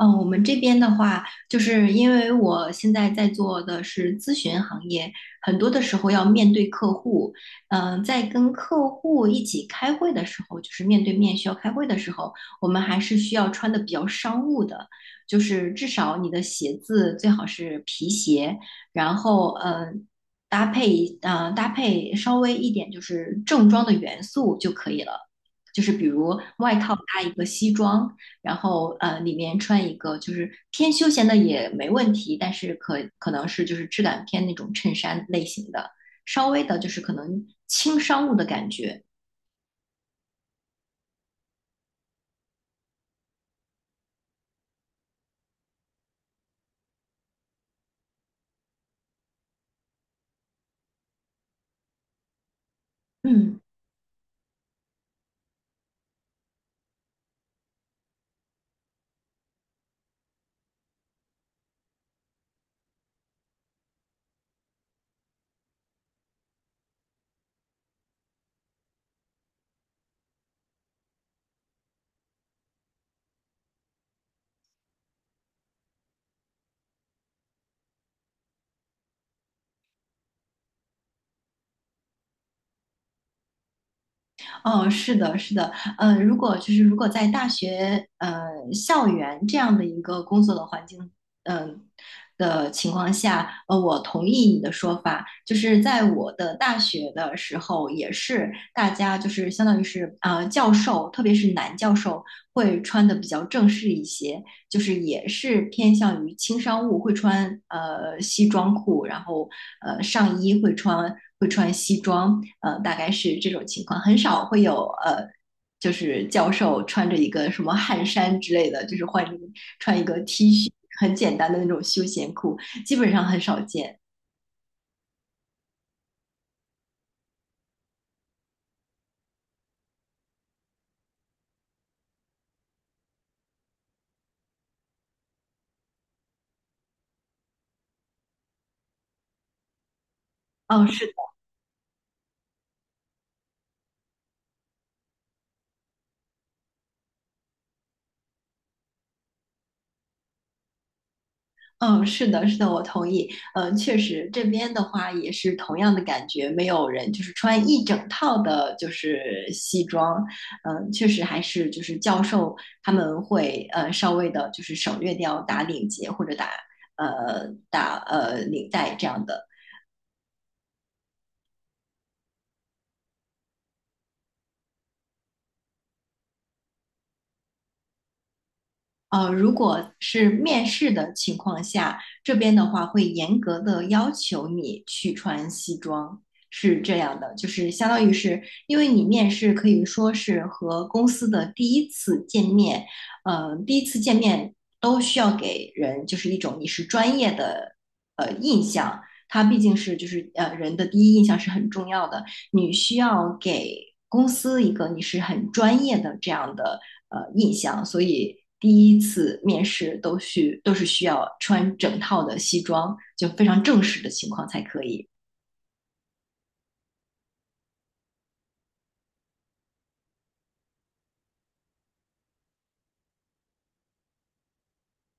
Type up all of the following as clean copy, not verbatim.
我们这边的话，就是因为我现在在做的是咨询行业，很多的时候要面对客户。在跟客户一起开会的时候，就是面对面需要开会的时候，我们还是需要穿的比较商务的，就是至少你的鞋子最好是皮鞋，然后搭配搭配稍微一点就是正装的元素就可以了。就是比如外套搭一个西装，然后里面穿一个就是偏休闲的也没问题，但是可能是就是质感偏那种衬衫类型的，稍微的就是可能轻商务的感觉。嗯。哦，是的，是的，如果在大学校园这样的一个工作的环境，嗯、的情况下，我同意你的说法，就是在我的大学的时候，也是大家就是相当于是教授，特别是男教授会穿的比较正式一些，就是也是偏向于轻商务，会穿西装裤，然后上衣会穿西装，大概是这种情况，很少会有就是教授穿着一个什么汗衫之类的，就是换穿一个 T 恤，很简单的那种休闲裤，基本上很少见。哦，是。嗯，是的，是的，我同意。嗯，确实，这边的话也是同样的感觉，没有人就是穿一整套的，就是西装。嗯，确实还是就是教授他们会稍微的，就是省略掉打领结或者打领带这样的。如果是面试的情况下，这边的话会严格的要求你去穿西装，是这样的，就是相当于是因为你面试可以说是和公司的第一次见面，第一次见面都需要给人就是一种你是专业的印象，它毕竟是就是人的第一印象是很重要的，你需要给公司一个你是很专业的这样的印象，所以第一次面试都是需要穿整套的西装，就非常正式的情况才可以。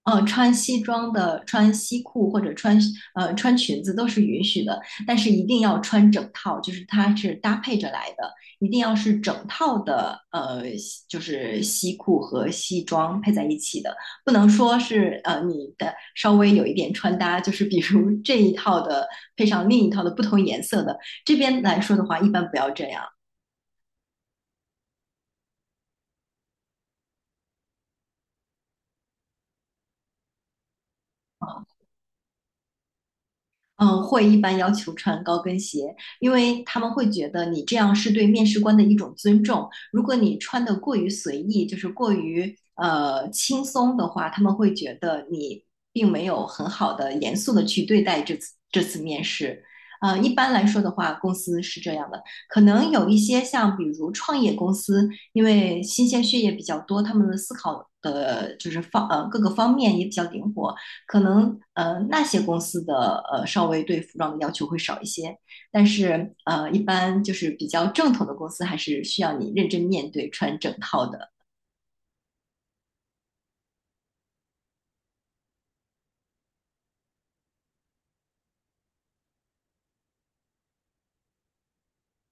穿西装的、穿西裤或者穿穿裙子都是允许的，但是一定要穿整套，就是它是搭配着来的，一定要是整套的，就是西裤和西装配在一起的，不能说是你的稍微有一点穿搭，就是比如 这一套的配上另一套的不同颜色的，这边来说的话，一般不要这样。啊，嗯，会一般要求穿高跟鞋，因为他们会觉得你这样是对面试官的一种尊重。如果你穿的过于随意，就是过于轻松的话，他们会觉得你并没有很好的严肃的去对待这次面试。一般来说的话，公司是这样的，可能有一些像比如创业公司，因为新鲜血液比较多，他们的思考的就是各个方面也比较灵活，可能那些公司的稍微对服装的要求会少一些，但是一般就是比较正统的公司还是需要你认真面对穿整套的。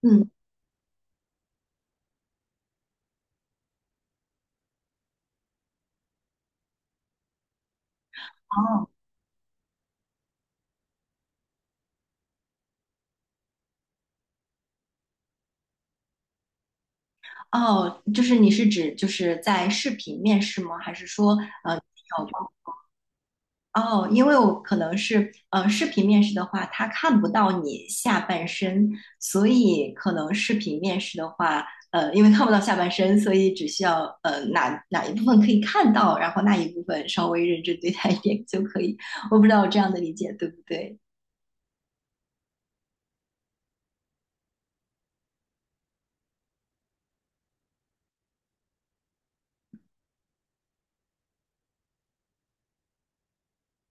嗯，哦哦，就是你是指就是在视频面试吗？还是说呃有哦，因为我可能是视频面试的话，他看不到你下半身，所以可能视频面试的话，因为看不到下半身，所以只需要哪一部分可以看到，然后那一部分稍微认真对待一点就可以。我不知道我这样的理解对不对？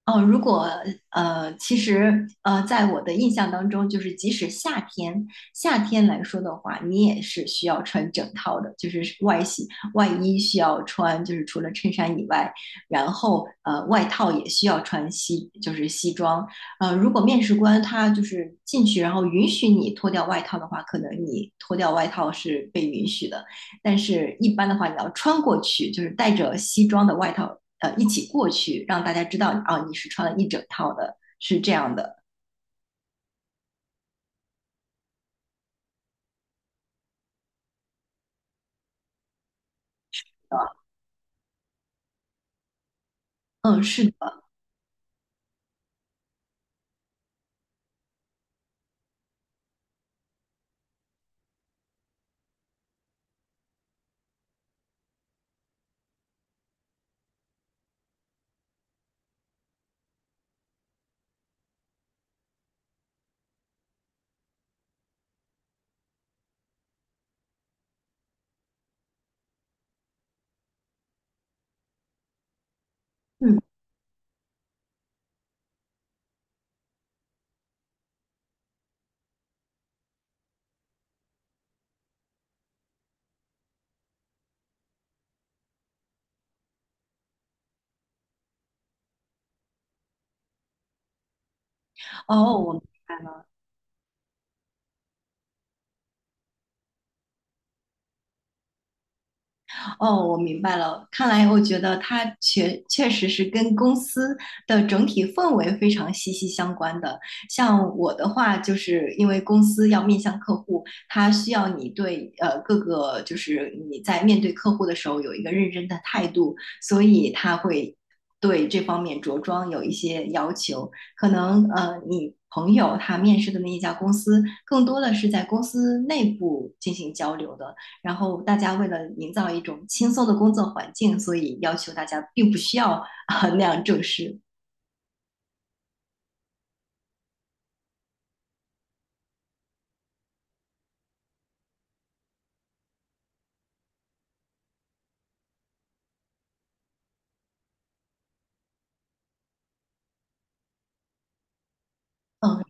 哦，如果其实在我的印象当中，就是即使夏天，夏天来说的话，你也是需要穿整套的，就是外洗，外衣需要穿，就是除了衬衫以外，然后外套也需要穿西，就是西装。如果面试官他就是进去，然后允许你脱掉外套的话，可能你脱掉外套是被允许的。但是一般的话，你要穿过去，就是带着西装的外套，一起过去，让大家知道啊，你是穿了一整套的，是这样的。嗯，是的，嗯，哦，我哦，我明白了。看来我觉得它确确实是跟公司的整体氛围非常息息相关的。像我的话，就是因为公司要面向客户，它需要你对各个就是你在面对客户的时候有一个认真的态度，所以它会对这方面着装有一些要求。可能你。朋友他面试的那一家公司，更多的是在公司内部进行交流的，然后大家为了营造一种轻松的工作环境，所以要求大家并不需要啊、那样正式。嗯，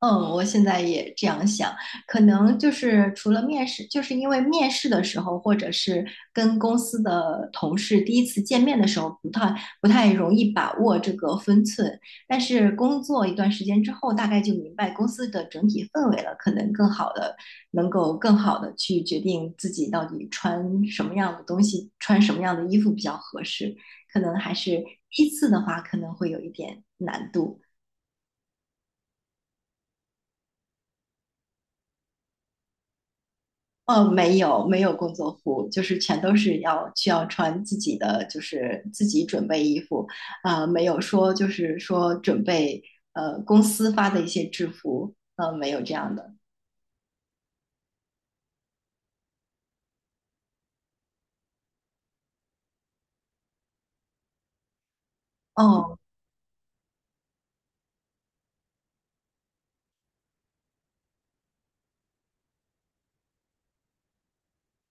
嗯，我现在也这样想，可能就是除了面试，就是因为面试的时候，或者是跟公司的同事第一次见面的时候，不太容易把握这个分寸。但是工作一段时间之后，大概就明白公司的整体氛围了，可能更好的能够更好的去决定自己到底穿什么样的东西，穿什么样的衣服比较合适。可能还是第一次的话，可能会有一点难度。没有工作服，就是全都是需要穿自己的，就是自己准备衣服，没有说就是说准备公司发的一些制服，没有这样的。哦，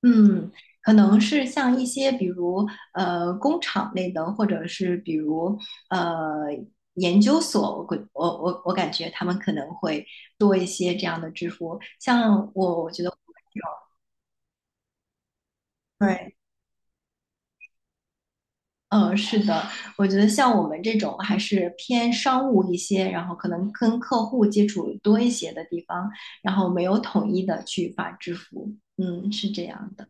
嗯，可能是像一些比如工厂类的，或者是比如呃研究所，我感觉他们可能会多一些这样的制服，像我觉得。对，嗯，是的，我觉得像我们这种还是偏商务一些，然后可能跟客户接触多一些的地方，然后没有统一的去发支付，嗯，是这样的。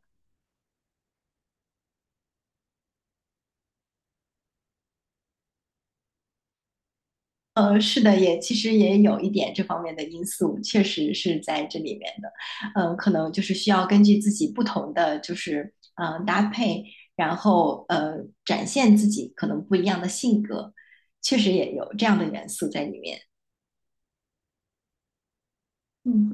是的，也其实也有一点这方面的因素，确实是在这里面的。嗯，可能就是需要根据自己不同的就是搭配，然后展现自己可能不一样的性格，确实也有这样的元素在里面。嗯。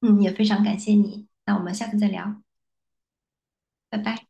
嗯，也非常感谢你，那我们下次再聊，拜拜。